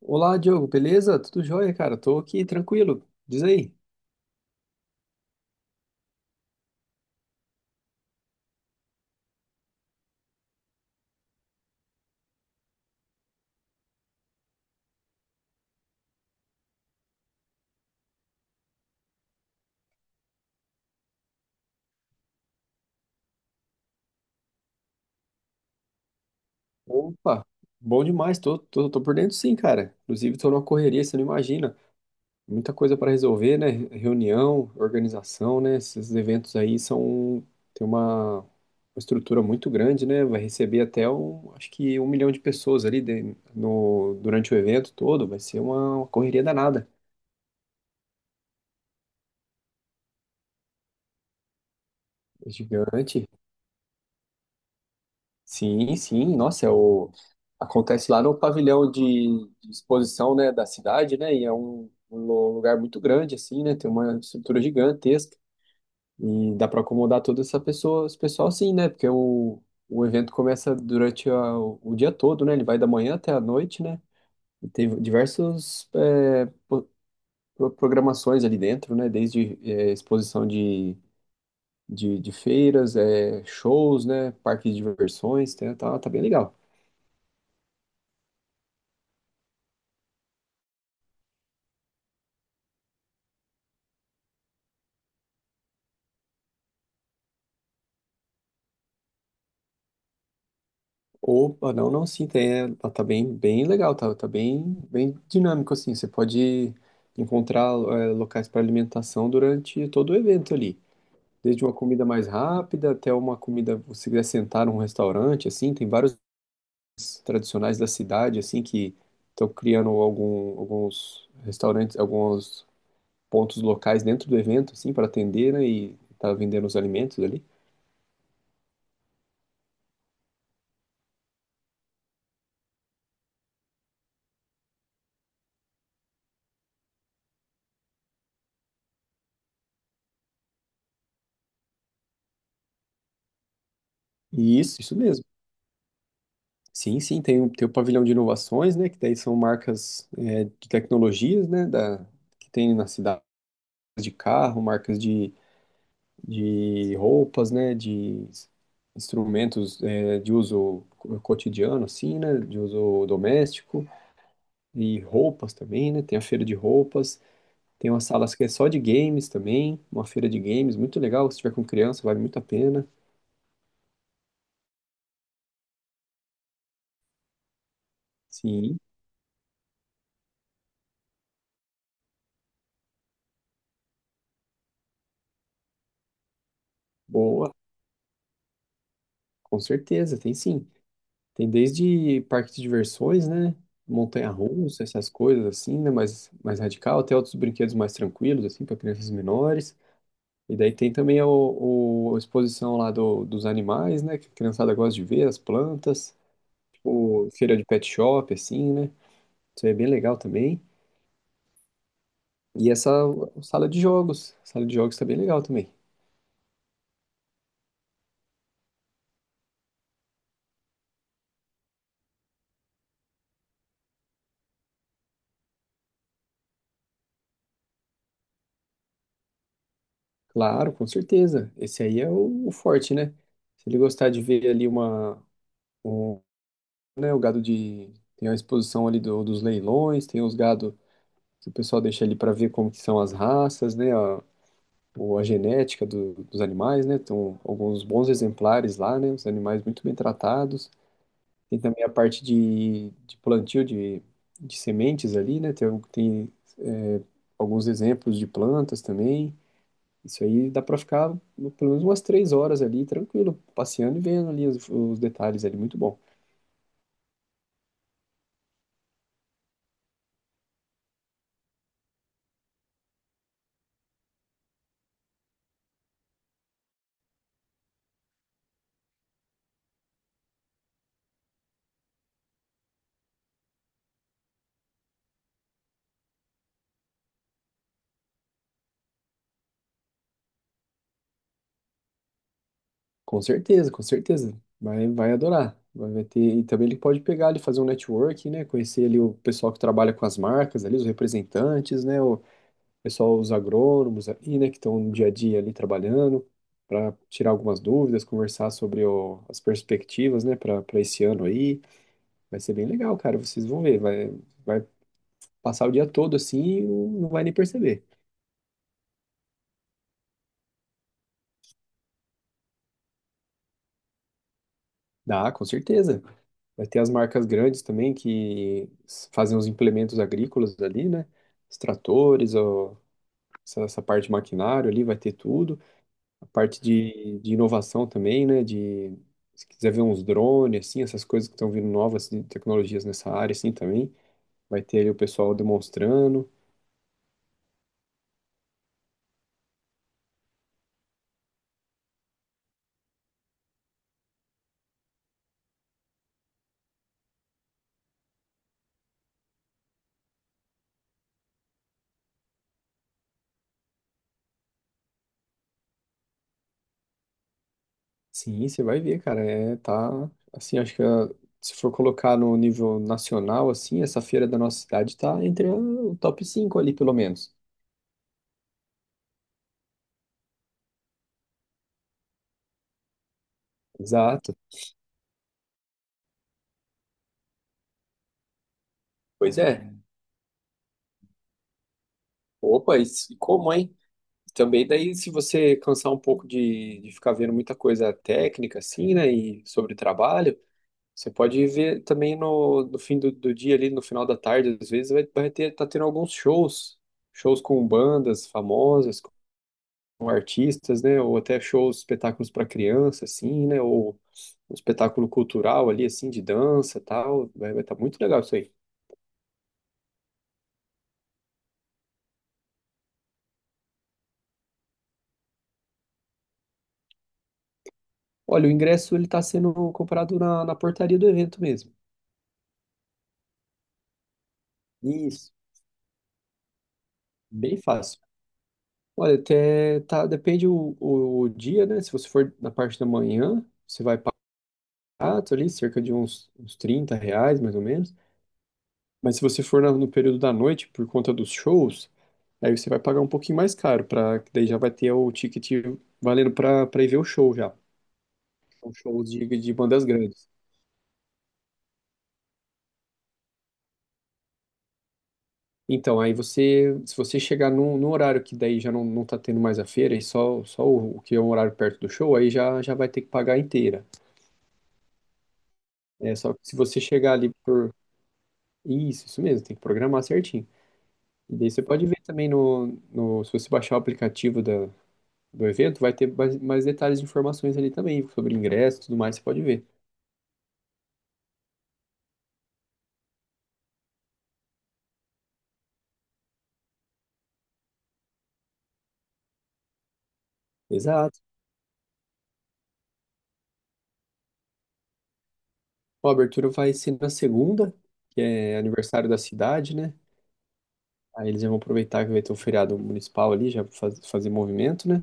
Olá, Diogo, beleza? Tudo jóia, cara? Tô aqui tranquilo. Diz aí. Opa, bom demais. Tô por dentro sim, cara. Inclusive, tô numa correria, você não imagina. Muita coisa para resolver, né? Reunião, organização, né? Esses eventos aí são. Tem uma estrutura muito grande, né? Vai receber até acho que 1 milhão de pessoas ali no, durante o evento todo. Vai ser uma correria danada. É gigante. Sim, sim, nossa, acontece lá no pavilhão de exposição, né, da cidade, né, e é um, um lugar muito grande, assim, né, tem uma estrutura gigantesca, e dá para acomodar toda essa pessoa, esse pessoal, sim, né, porque o evento começa durante o dia todo, né, ele vai da manhã até a noite, né, e tem diversas programações ali dentro, né, desde exposição de feiras, é, shows, né, parques de diversões, tá, tá bem legal. Opa, não, não, sim, tem, é, tá bem, bem legal, tá, tá bem, bem dinâmico, assim, você pode encontrar é, locais para alimentação durante todo o evento ali, desde uma comida mais rápida até uma comida, se quiser sentar num restaurante, assim, tem vários tradicionais da cidade, assim, que estão criando alguns restaurantes, alguns pontos locais dentro do evento, assim, para atender, né, e tá vendendo os alimentos ali, e isso mesmo. Sim, sim, tem o, tem o pavilhão de inovações, né, que daí são marcas é, de tecnologias, né, da, que tem na cidade de carro, marcas de roupas, né, de instrumentos é, de uso cotidiano, assim, né, de uso doméstico, e roupas também, né, tem a feira de roupas, tem uma sala que é só de games também, uma feira de games, muito legal, se tiver com criança, vale muito a pena. Sim, boa, com certeza, tem sim. Tem desde parque de diversões, né? Montanha-russa, essas coisas assim, né? Mais radical, até outros brinquedos mais tranquilos, assim, para crianças menores. E daí tem também a exposição lá do, dos animais, né? Que a criançada gosta de ver, as plantas, tipo, feira de pet shop, assim, né? Isso aí é bem legal também. E essa sala de jogos. A sala de jogos tá bem legal também. Claro, com certeza. Esse aí é o forte, né? Se ele gostar de ver ali uma. Um, né? O gado de. Tem a exposição ali dos leilões, tem os gado que o pessoal deixa ali para ver como que são as raças, né? A, ou a genética dos animais, né? Alguns bons exemplares lá, né? Os animais muito bem tratados. Tem também a parte de plantio de sementes ali, né? Tem é, alguns exemplos de plantas também. Isso aí dá para ficar pelo menos umas 3 horas ali, tranquilo, passeando e vendo ali os detalhes ali, muito bom. Com certeza, com certeza. Vai adorar. Vai ter, e também ele pode pegar ali, fazer um networking, né? Conhecer ali o pessoal que trabalha com as marcas ali, os representantes, né? O pessoal, os agrônomos ali, né? Que estão no dia a dia ali trabalhando, para tirar algumas dúvidas, conversar sobre as perspectivas, né? Para esse ano aí. Vai ser bem legal, cara. Vocês vão ver. Vai, vai passar o dia todo assim e não vai nem perceber. Dá, com certeza. Vai ter as marcas grandes também que fazem os implementos agrícolas ali, né? Os tratores, ó, essa parte de maquinário ali vai ter tudo. A parte de inovação também, né? De, se quiser ver uns drones, assim, essas coisas que estão vindo novas de tecnologias nessa área, assim, também. Vai ter ali o pessoal demonstrando. Sim, você vai ver, cara. É, tá, assim, acho que se for colocar no nível nacional, assim, essa feira da nossa cidade tá entre o top 5 ali, pelo menos. Exato. Pois é, opa, e como, hein? Também daí, se você cansar um pouco de ficar vendo muita coisa técnica, assim, né, e sobre trabalho, você pode ver também no fim do dia ali, no final da tarde, às vezes, vai ter, tá tendo alguns shows, shows com bandas famosas, com artistas, né, ou até shows, espetáculos para criança, assim, né, ou um espetáculo cultural ali, assim, de dança, tal, vai tá muito legal isso aí. Olha, o ingresso, ele tá sendo comprado na portaria do evento mesmo. Isso, bem fácil. Olha, até tá, depende o dia, né? Se você for na parte da manhã, você vai pagar ali cerca de uns R$ 30, mais ou menos. Mas se você for no período da noite, por conta dos shows, aí você vai pagar um pouquinho mais caro, pra, que daí já vai ter o ticket valendo para ir ver o show já. São shows de bandas grandes. Então, aí você, se você chegar num, num horário que daí já não, não tá tendo mais a feira e só, só o que é um horário perto do show, aí já, já vai ter que pagar inteira. É, só que se você chegar ali por. Isso mesmo, tem que programar certinho. E daí você pode ver também se você baixar o aplicativo da, do evento, vai ter mais, mais detalhes de informações ali também, sobre ingresso e tudo mais, você pode ver. Exato. Ó, a abertura vai ser na segunda, que é aniversário da cidade, né? Aí eles já vão aproveitar que vai ter o feriado municipal ali, fazer movimento, né?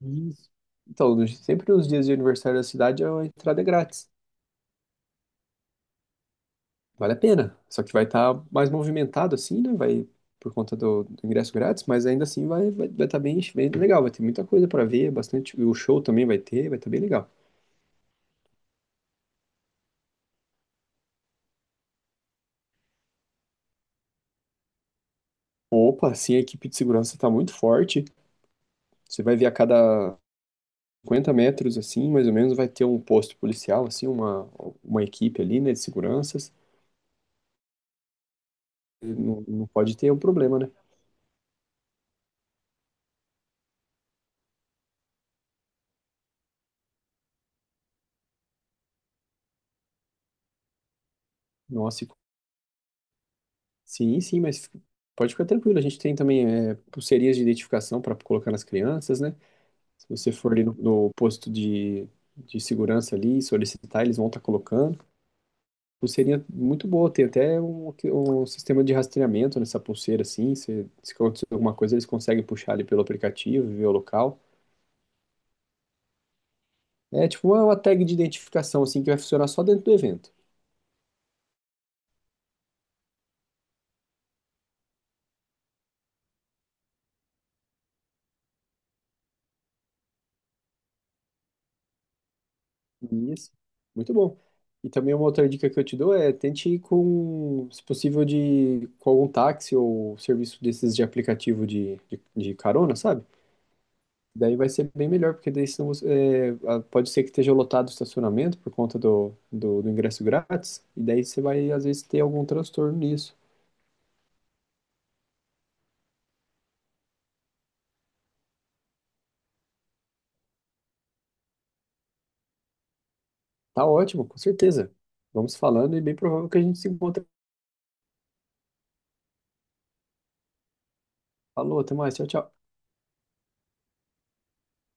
Isso. Então, sempre nos dias de aniversário da cidade, a entrada é grátis. Vale a pena. Só que vai estar mais movimentado assim, né? Vai por conta do ingresso grátis, mas ainda assim vai estar bem, bem legal. Vai ter muita coisa para ver, bastante. O show também vai ter, vai estar bem legal. Opa, assim, a equipe de segurança está muito forte. Você vai ver a cada 50 metros, assim, mais ou menos, vai ter um posto policial, assim, uma equipe ali, né, de seguranças. Não, não pode ter um problema, né? Nossa, e- sim, sim, mas pode ficar tranquilo. A gente tem também é, pulseirinhas de identificação para colocar nas crianças, né? Se você for ali no posto de segurança ali e solicitar, eles vão estar colocando. Pulseirinha muito boa, tem até um, um sistema de rastreamento nessa pulseira, assim. Se acontecer alguma coisa, eles conseguem puxar ali pelo aplicativo, ver o local. É tipo uma tag de identificação, assim, que vai funcionar só dentro do evento. Isso. Muito bom. E também uma outra dica que eu te dou é tente ir com, se possível, de, com algum táxi ou serviço desses de aplicativo de carona, sabe? Daí vai ser bem melhor, porque daí senão, você- é, pode ser que esteja lotado o estacionamento por conta do ingresso grátis, e daí você vai, às vezes, ter algum transtorno nisso. Tá ótimo, com certeza. Vamos falando e bem provável que a gente se encontre. Falou, até mais, tchau, tchau.